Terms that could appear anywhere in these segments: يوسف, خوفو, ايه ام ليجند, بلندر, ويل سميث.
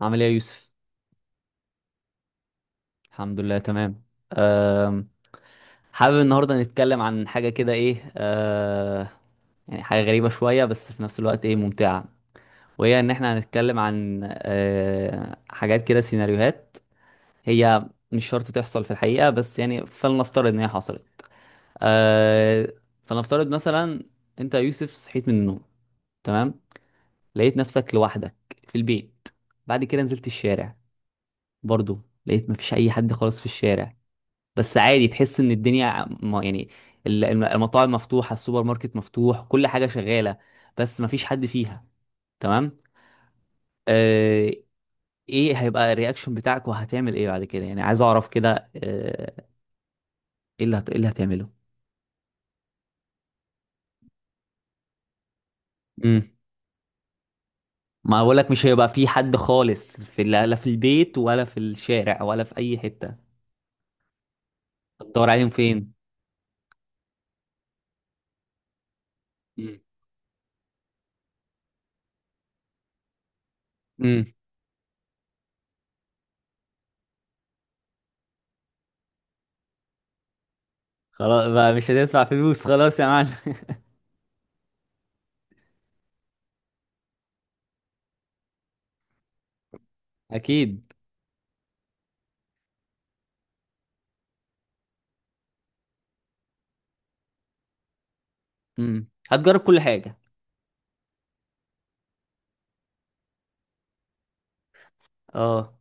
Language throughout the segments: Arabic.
عامل ايه يا يوسف؟ الحمد لله تمام. أم، حابب النهارده نتكلم عن حاجه كده ايه يعني حاجه غريبه شويه، بس في نفس الوقت ايه ممتعه. وهي ان احنا هنتكلم عن حاجات كده، سيناريوهات هي مش شرط تحصل في الحقيقه، بس يعني فلنفترض ان هي حصلت. أه فلنفترض مثلا، انت يا يوسف صحيت من النوم، تمام، لقيت نفسك لوحدك في البيت. بعد كده نزلت الشارع، برضو لقيت مفيش اي حد خالص في الشارع. بس عادي، تحس ان الدنيا يعني المطاعم مفتوحه، السوبر ماركت مفتوح، كل حاجه شغاله بس مفيش حد فيها، تمام. آه ايه هيبقى الرياكشن بتاعك وهتعمل ايه بعد كده؟ يعني عايز اعرف كده، ايه ايه اللي هتعمله؟ امم ما بقول لك مش هيبقى في حد خالص في، لا لا، في البيت ولا في الشارع ولا في اي حته. تدور عليهم فين؟ امم. امم. خلاص بقى، مش هتدفع فلوس، خلاص يا معلم. اكيد. هتجرب كل حاجه. اه،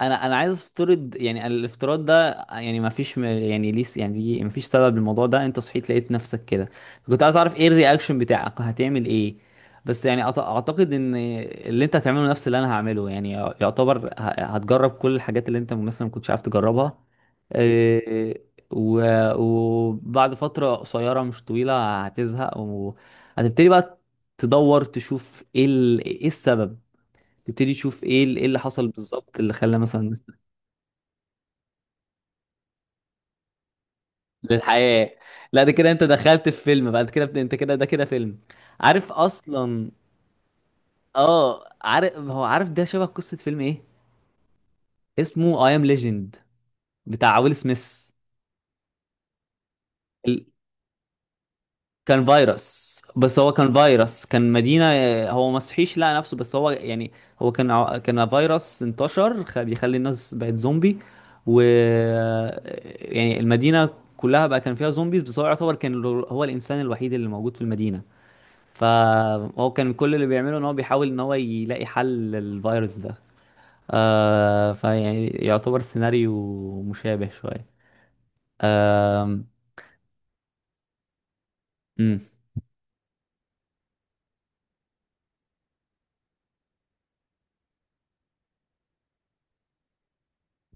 انا عايز افترض يعني، الافتراض ده يعني ما فيش يعني ليس يعني ليه، ما فيش سبب للموضوع ده. انت صحيت لقيت نفسك كده، كنت عايز اعرف ايه الرياكشن بتاعك، هتعمل ايه؟ بس يعني اعتقد ان اللي انت هتعمله نفس اللي انا هعمله، يعني يعتبر هتجرب كل الحاجات اللي انت مثلا ما كنتش عارف تجربها. إيه، وبعد فترة قصيرة مش طويلة هتزهق وهتبتدي بقى تدور تشوف ايه ايه السبب، تبتدي تشوف ايه ايه اللي حصل بالظبط اللي خلى مثلا الناس. للحياة. لا، ده كده انت دخلت في فيلم بعد كده، انت كده، ده كده فيلم. عارف اصلا. اه عارف، هو عارف ده شبه قصة فيلم، ايه اسمه؟ اي ام ليجند، بتاع ويل سميث. ال... كان فيروس، بس هو كان فيروس، كان مدينة. هو ما صحيش لقى نفسه، بس هو يعني هو كان كان فيروس انتشر بيخلي الناس بقت زومبي. و يعني المدينة كلها بقى كان فيها زومبيز، بس هو يعتبر كان هو الإنسان الوحيد اللي موجود في المدينة. فهو كان كل اللي بيعمله ان هو بيحاول ان هو يلاقي حل للفيروس ده. فيعني يعتبر سيناريو مشابه شوية. آم، امم.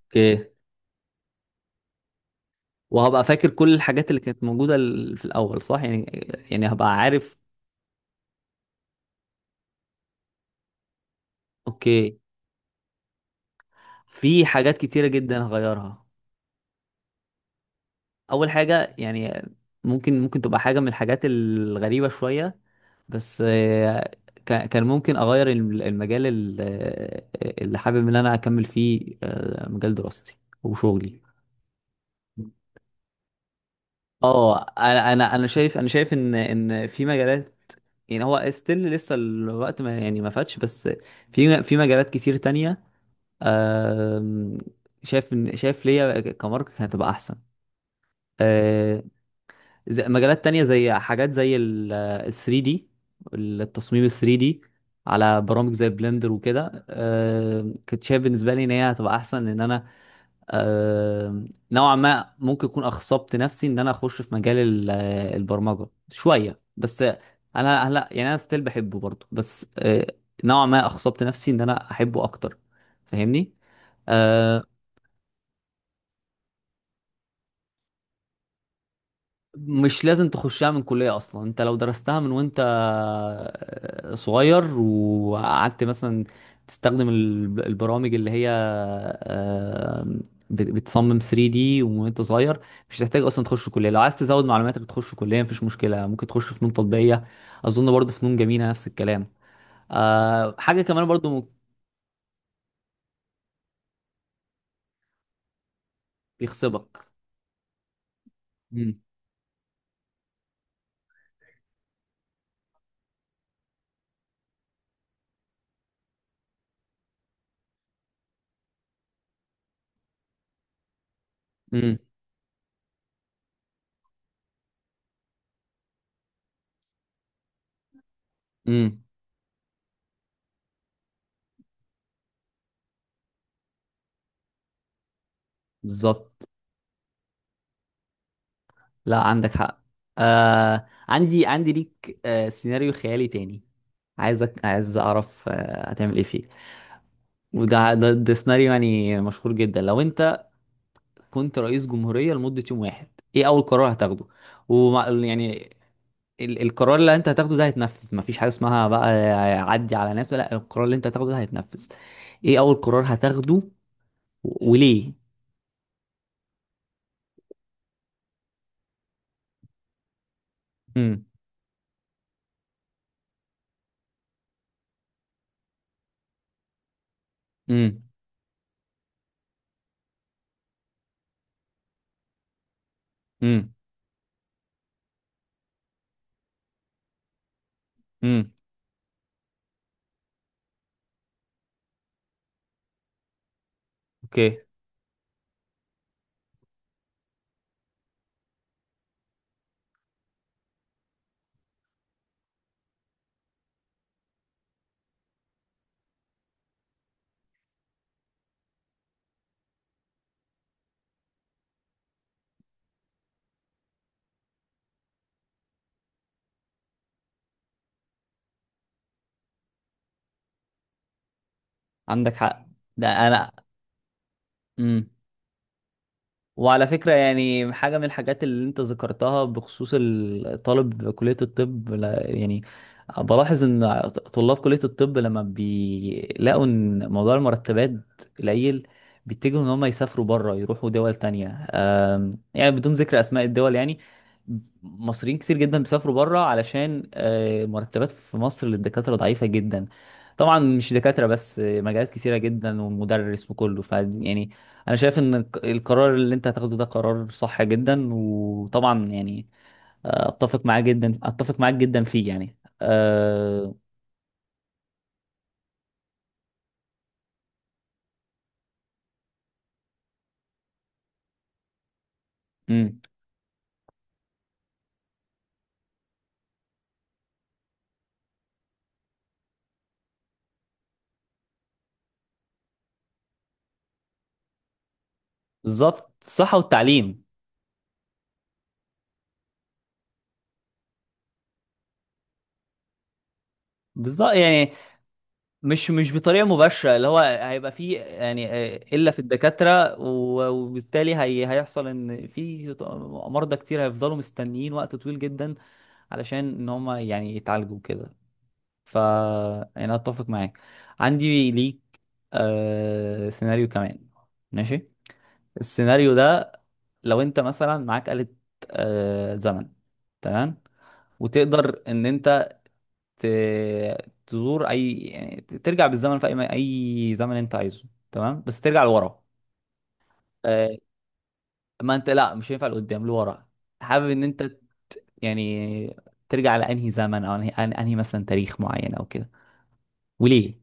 اوكي. وهبقى فاكر كل الحاجات اللي كانت موجودة في الأول، صح يعني؟ يعني هبقى عارف. اوكي. في حاجات كتيرة جدا هغيرها. أول حاجة يعني، ممكن تبقى حاجة من الحاجات الغريبة شوية، بس كان ممكن اغير المجال اللي حابب ان انا اكمل فيه، مجال دراستي وشغلي. اه، انا شايف ان في مجالات، يعني هو ستيل لسه الوقت ما يعني ما فاتش، بس في مجالات كتير تانية. آم، شايف ليا كمارك هتبقى احسن. آه، زي مجالات تانية، زي حاجات زي ال 3D، التصميم ال 3D على برامج زي بلندر وكده. كنت شايف بالنسبة لي ان هي هتبقى احسن ان انا آه، نوعا ما ممكن اكون اخصبت نفسي ان انا اخش في مجال البرمجة شوية. بس انا هلا يعني انا ستيل بحبه برضه، بس نوعا ما اخصبت نفسي ان انا احبه اكتر، فاهمني؟ آه، مش لازم تخشها من كلية أصلا. أنت لو درستها من وأنت صغير، وقعدت مثلا تستخدم البرامج اللي هي آه، بتصمم 3D وأنت صغير، مش هتحتاج أصلا تخش كلية. لو عايز تزود معلوماتك تخش كلية، مفيش مشكلة، ممكن تخش فنون تطبيقية، أظن برضه فنون جميلة نفس الكلام. حاجة كمان برضه بيخصبك. امم. امم. امم. بالظبط. لا، عندك حق. عندي ليك سيناريو خيالي تاني. عايز اعرف هتعمل ايه فيه. ده سيناريو يعني مشهور جدا. لو انت كنت رئيس جمهورية لمدة يوم واحد، ايه اول قرار هتاخده؟ ومع يعني القرار اللي انت هتاخده ده هيتنفذ، مفيش حاجة اسمها بقى عدي على ناس، لا، القرار اللي انت هتاخده ده هيتنفذ. ايه اول قرار هتاخده؟ وليه؟ امم. امم. امم. امم. اوكي. عندك حق. ده انا. امم. وعلى فكرة يعني حاجة من الحاجات اللي انت ذكرتها بخصوص الطالب كلية الطب، يعني بلاحظ ان طلاب كلية الطب لما بيلاقوا ان موضوع المرتبات قليل، بيتجهوا ان هم يسافروا بره، يروحوا دول تانية. يعني بدون ذكر اسماء الدول، يعني مصريين كتير جدا بيسافروا بره علشان مرتبات في مصر للدكاترة ضعيفة جدا. طبعا مش دكاترة بس، مجالات كتيرة جدا ومدرس وكله. ف يعني انا شايف ان القرار اللي انت هتاخده ده قرار صح جدا، وطبعا يعني اتفق معاه جدا، اتفق معاك جدا فيه يعني. أه... أمم، بالظبط، الصحة والتعليم. بالظبط يعني، مش بطريقة مباشرة اللي هو هيبقى فيه يعني إلا في الدكاترة، وبالتالي هي هيحصل إن في مرضى كتير هيفضلوا مستنيين وقت طويل جدا علشان إن هم يعني يتعالجوا كده. ف يعني اتفق معاك. عندي ليك سيناريو كمان. ماشي. السيناريو ده، لو انت مثلا معاك آلة زمن، تمام، وتقدر ان انت ت... تزور اي، يعني ترجع بالزمن في اي اي زمن انت عايزه، تمام، بس ترجع لورا. آه... ما انت لا، مش هينفع لقدام، لورا. حابب ان انت يعني ترجع لانهي زمن، او أنهي مثلا تاريخ معين او كده. وليه؟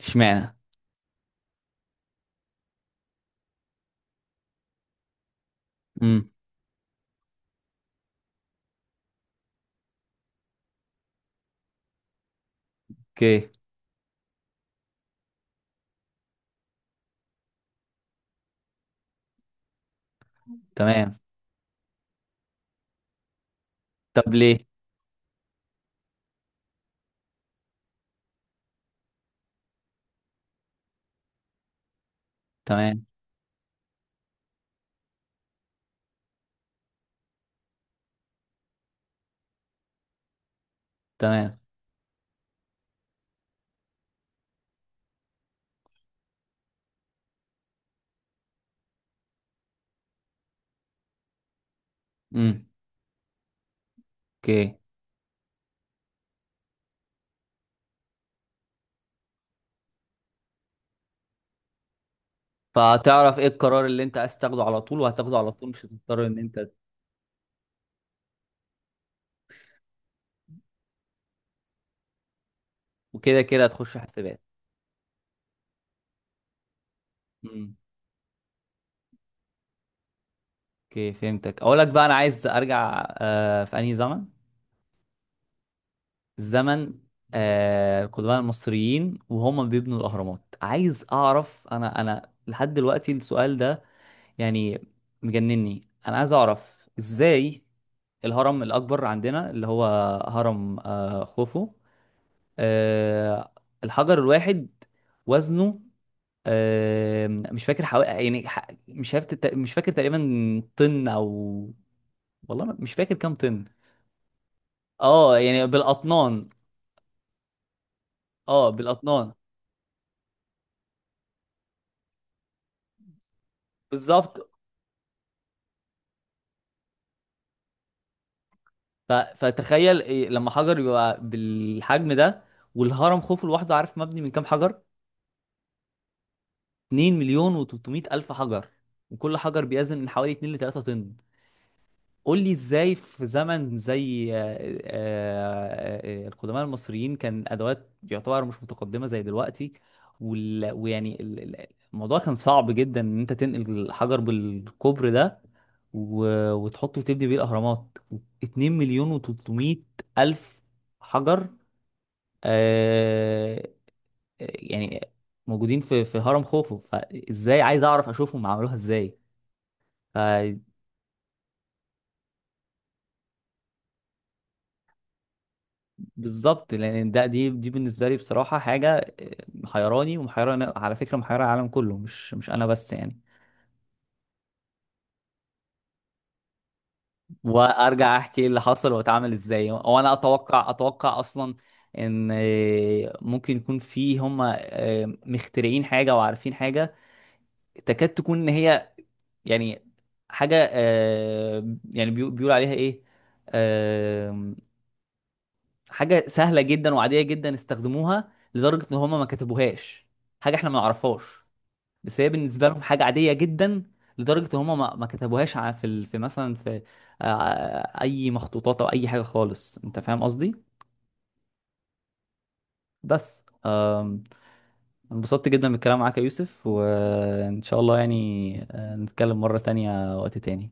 اشمعنى؟ امم. اوكي. تمام. طب ليه؟ تمام. تمام. امم. اوكي. فهتعرف ايه القرار اللي انت عايز تاخده على طول وهتاخده على طول، مش هتضطر ان انت. وكده كده هتخش حسابات. امم. اوكي. فهمتك. اقول لك بقى، انا عايز ارجع في انهي زمن. الزمن القدماء المصريين وهم بيبنوا الاهرامات، عايز اعرف. انا لحد دلوقتي السؤال ده يعني مجنني. انا عايز اعرف ازاي الهرم الاكبر عندنا، اللي هو هرم خوفو، آه، الحجر الواحد وزنه مش فاكر حوالي يعني مش عارف، مش فاكر تقريبا طن او، والله مش فاكر كام طن. اه يعني بالاطنان. اه بالاطنان. بالظبط. فتخيل إيه لما حجر يبقى بالحجم ده، والهرم خوفو لوحده عارف مبني من كام حجر؟ 2 مليون و300 الف حجر، وكل حجر بيزن من حوالي 2 ل 3 طن. قول لي ازاي في زمن زي القدماء المصريين، كان ادوات يعتبر مش متقدمه زي دلوقتي. وال... ويعني ال- ال- الموضوع كان صعب جدا ان انت تنقل الحجر بالكوبر ده، و... وتحطه وتبني بيه الاهرامات. 2 مليون و300 الف حجر آه... يعني موجودين في هرم خوفو. فازاي عايز اعرف اشوفهم عملوها ازاي؟ بالظبط، لان ده دي بالنسبه لي بصراحه حاجه محيراني، ومحيره على فكره، محيره العالم كله، مش انا بس يعني. وارجع احكي ايه اللي حصل واتعامل ازاي، وانا اتوقع اصلا ان ممكن يكون في هم مخترعين حاجه وعارفين حاجه تكاد تكون ان هي يعني حاجه يعني بيقول عليها ايه، آه، حاجه سهله جدا وعاديه جدا استخدموها لدرجه ان هم ما كتبوهاش. حاجه احنا ما نعرفهاش، بس هي بالنسبه لهم حاجه عاديه جدا. لدرجه ان هم ما كتبوهاش في مثلا في اي مخطوطات او اي حاجه خالص، انت فاهم قصدي؟ بس انبسطت جدا بالكلام معاك يا يوسف، وان شاء الله يعني نتكلم مره تانية وقت تاني.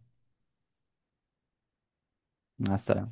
مع السلامه.